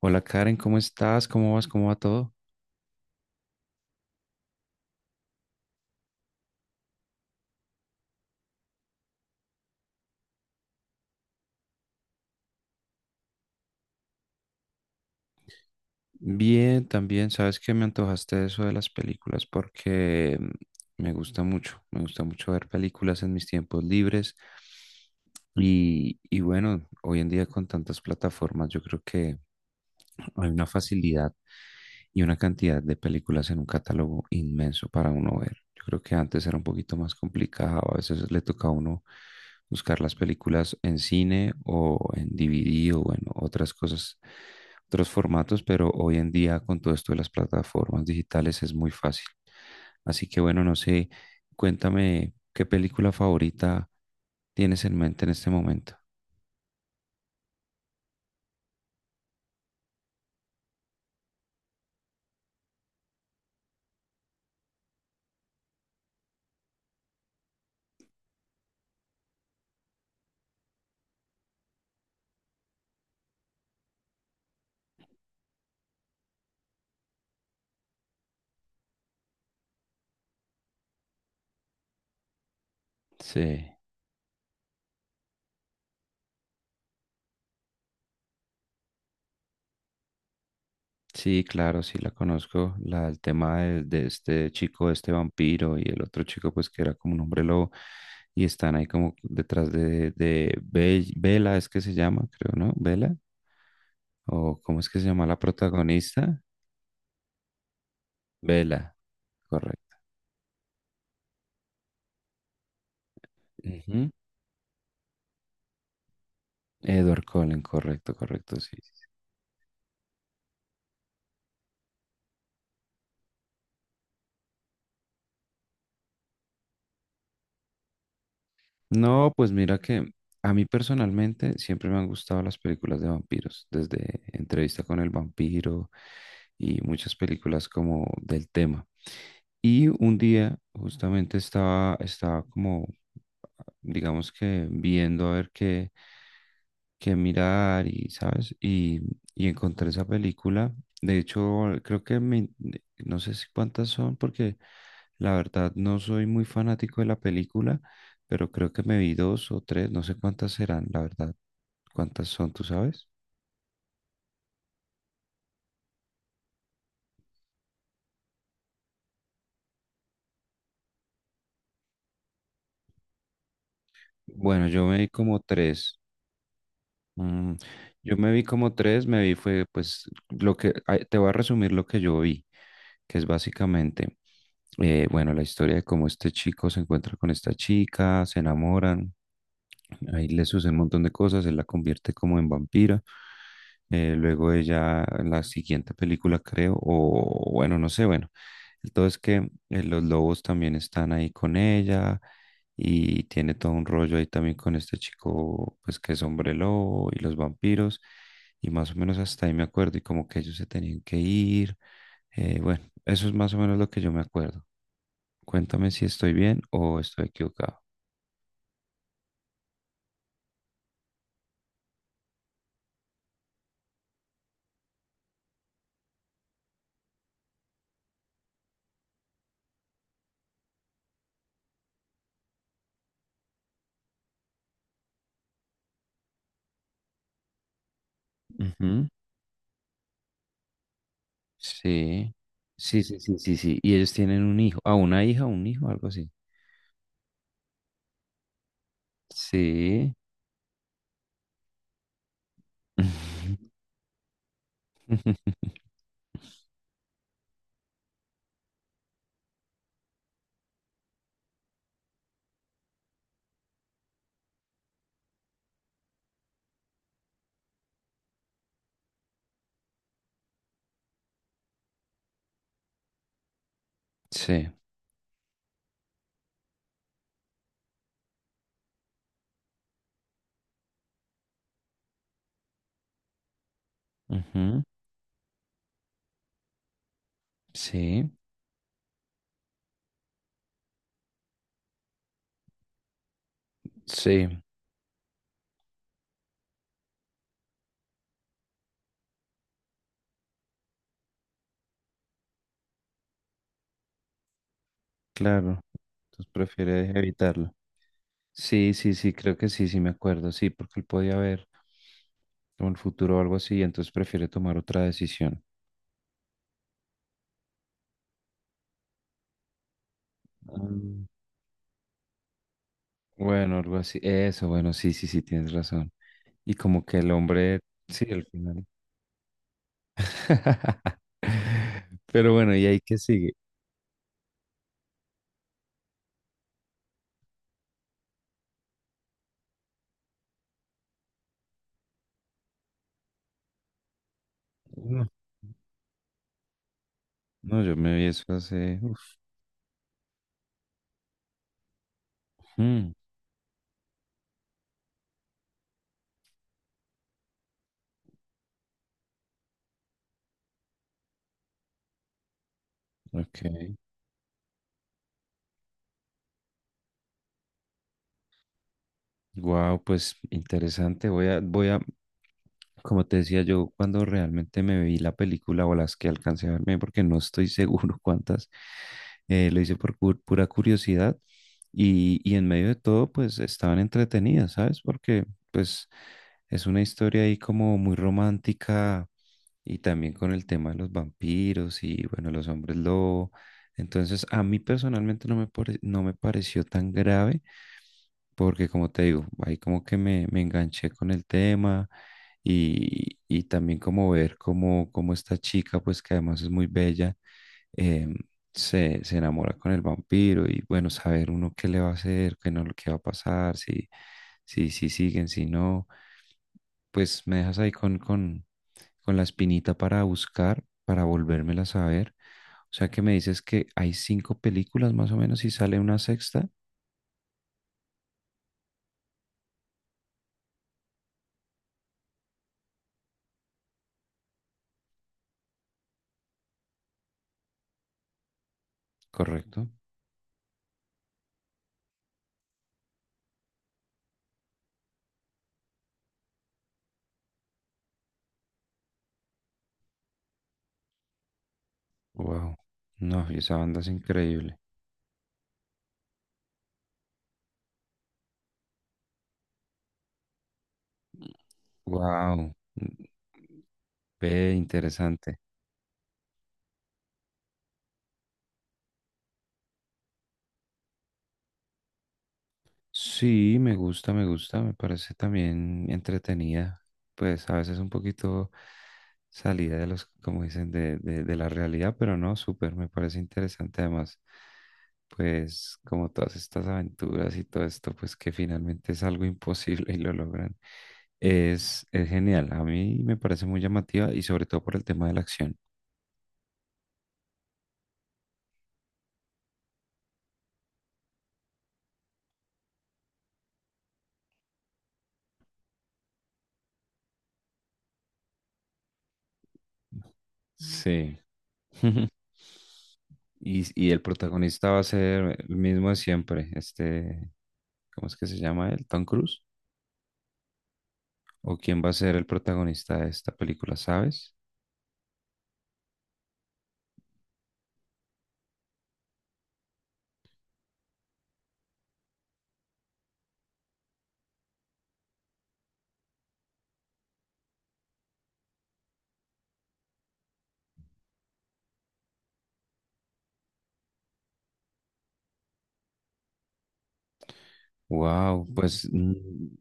Hola Karen, ¿cómo estás? ¿Cómo vas? ¿Cómo va todo? Bien, también. Sabes que me antojaste eso de las películas porque me gusta mucho ver películas en mis tiempos libres. Y bueno, hoy en día con tantas plataformas, yo creo que hay una facilidad y una cantidad de películas en un catálogo inmenso para uno ver. Yo creo que antes era un poquito más complicado, a veces le tocaba a uno buscar las películas en cine o en DVD o en otras cosas, otros formatos, pero hoy en día con todo esto de las plataformas digitales es muy fácil. Así que bueno, no sé, cuéntame qué película favorita tienes en mente en este momento. Sí. Sí, claro, sí la conozco. La, el tema de este chico, este vampiro y el otro chico, pues que era como un hombre lobo y están ahí como detrás de Bella, es que se llama, creo, ¿no? Bella, o ¿cómo es que se llama la protagonista? Bella, correcto. Ujú. Edward Cullen, correcto, correcto, sí. Sí. No, pues mira que a mí personalmente siempre me han gustado las películas de vampiros, desde Entrevista con el vampiro y muchas películas como del tema. Y un día justamente estaba como, digamos que viendo a ver qué, que mirar y, ¿sabes? Y encontré esa película. De hecho, creo que me, no sé si cuántas son, porque la verdad no soy muy fanático de la película, pero creo que me vi dos o tres, no sé cuántas serán, la verdad. ¿Cuántas son, tú sabes? Bueno, yo me vi como tres. Mm, yo me vi como tres, me vi fue pues lo que, ay, te voy a resumir lo que yo vi, que es básicamente, bueno, la historia de cómo este chico se encuentra con esta chica, se enamoran. Ahí le sucede un montón de cosas, él la convierte como en vampira. Luego ella, en la siguiente película creo, o bueno, no sé, bueno. El todo es que los lobos también están ahí con ella y tiene todo un rollo ahí también con este chico, pues que es hombre lobo y los vampiros. Y más o menos hasta ahí me acuerdo y como que ellos se tenían que ir. Bueno, eso es más o menos lo que yo me acuerdo. Cuéntame si estoy bien o estoy equivocado. Ujú. Sí, sí, sí, sí, sí, sí. Y ellos tienen un hijo, a una hija, un hijo, algo así. Sí. Sí. Ujú. Sí. Sí, claro. Entonces prefiere evitarlo. Sí, sí, sí, creo que sí, sí me acuerdo. Sí, porque él podía ver como el futuro o algo así, y entonces prefiere tomar otra decisión. Mm. Bueno, algo así. Eso, bueno, sí, sí, sí, tienes razón. Y como que el hombre, sí, al final. Pero bueno, ¿y ahí qué sigue? No, no, yo me vi eso hace. Uf. Mm. Ok. Wow, pues interesante. Voy a, como te decía yo, cuando realmente me vi la película o las que alcancé a verme, porque no estoy seguro cuántas, lo hice por pura curiosidad y en medio de todo, pues estaban entretenidas, ¿sabes? Porque pues es una historia ahí como muy romántica, y también con el tema de los vampiros y bueno, los hombres lobo. Entonces, a mí personalmente no me pareció tan grave porque, como te digo, ahí como que me enganché con el tema y también como ver cómo esta chica, pues que además es muy bella, em, se enamora con el vampiro y bueno, saber uno qué le va a hacer, qué no, qué va a pasar, si siguen, si no pues me dejas ahí con la espinita para buscar, para volvérmelas a ver. O sea que me dices que hay cinco películas más o menos y sale una sexta, ¿correcto? Wow. No, y esa banda es increíble. Wow. Ve, interesante. Sí, me gusta, me gusta, me parece también entretenida, pues a veces un poquito salida de los, como dicen, de la realidad, pero no, súper, me parece interesante además, pues como todas estas aventuras y todo esto, pues que finalmente es algo imposible y lo logran, es genial, a mí me parece muy llamativa y sobre todo por el tema de la acción. Sí. Y el protagonista va a ser el mismo de siempre, este ¿cómo es que se llama él? ¿Tom Cruise? ¿O quién va a ser el protagonista de esta película, sabes? Wow, pues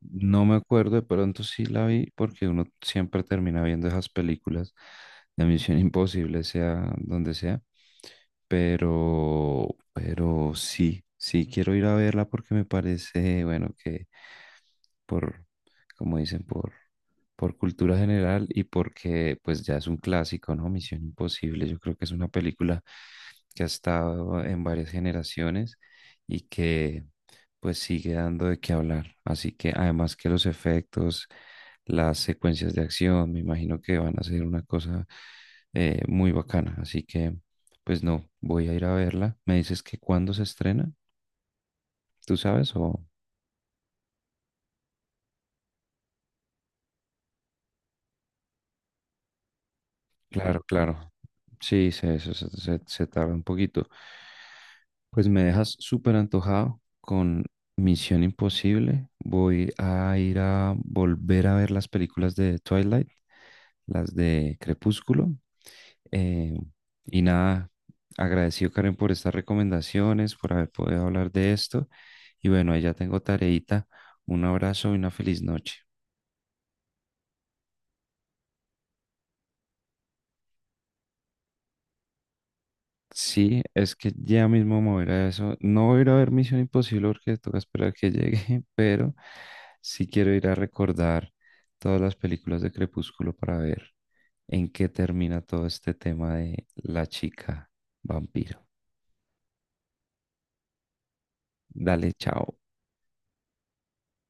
no me acuerdo, de pronto sí la vi porque uno siempre termina viendo esas películas de Misión Imposible, sea donde sea, pero, pero sí, sí quiero ir a verla porque me parece, bueno, que por, como dicen, por cultura general y porque pues ya es un clásico, ¿no? Misión Imposible, yo creo que es una película que ha estado en varias generaciones y que pues sigue dando de qué hablar. Así que además que los efectos, las secuencias de acción, me imagino que van a ser una cosa muy bacana. Así que pues no, voy a ir a verla. ¿Me dices que cuándo se estrena? ¿Tú sabes o...? Claro, claro. Sí, se tarda un poquito. Pues me dejas súper antojado con Misión Imposible. Voy a ir a volver a ver las películas de Twilight, las de Crepúsculo. Eh, y nada, agradecido Karen por estas recomendaciones, por haber podido hablar de esto. Y bueno, ahí ya tengo tareita. Un abrazo y una feliz noche. Sí, es que ya mismo me voy a ir a eso. No voy a ir a ver Misión Imposible porque toca esperar que llegue, pero sí quiero ir a recordar todas las películas de Crepúsculo para ver en qué termina todo este tema de la chica vampiro. Dale, chao.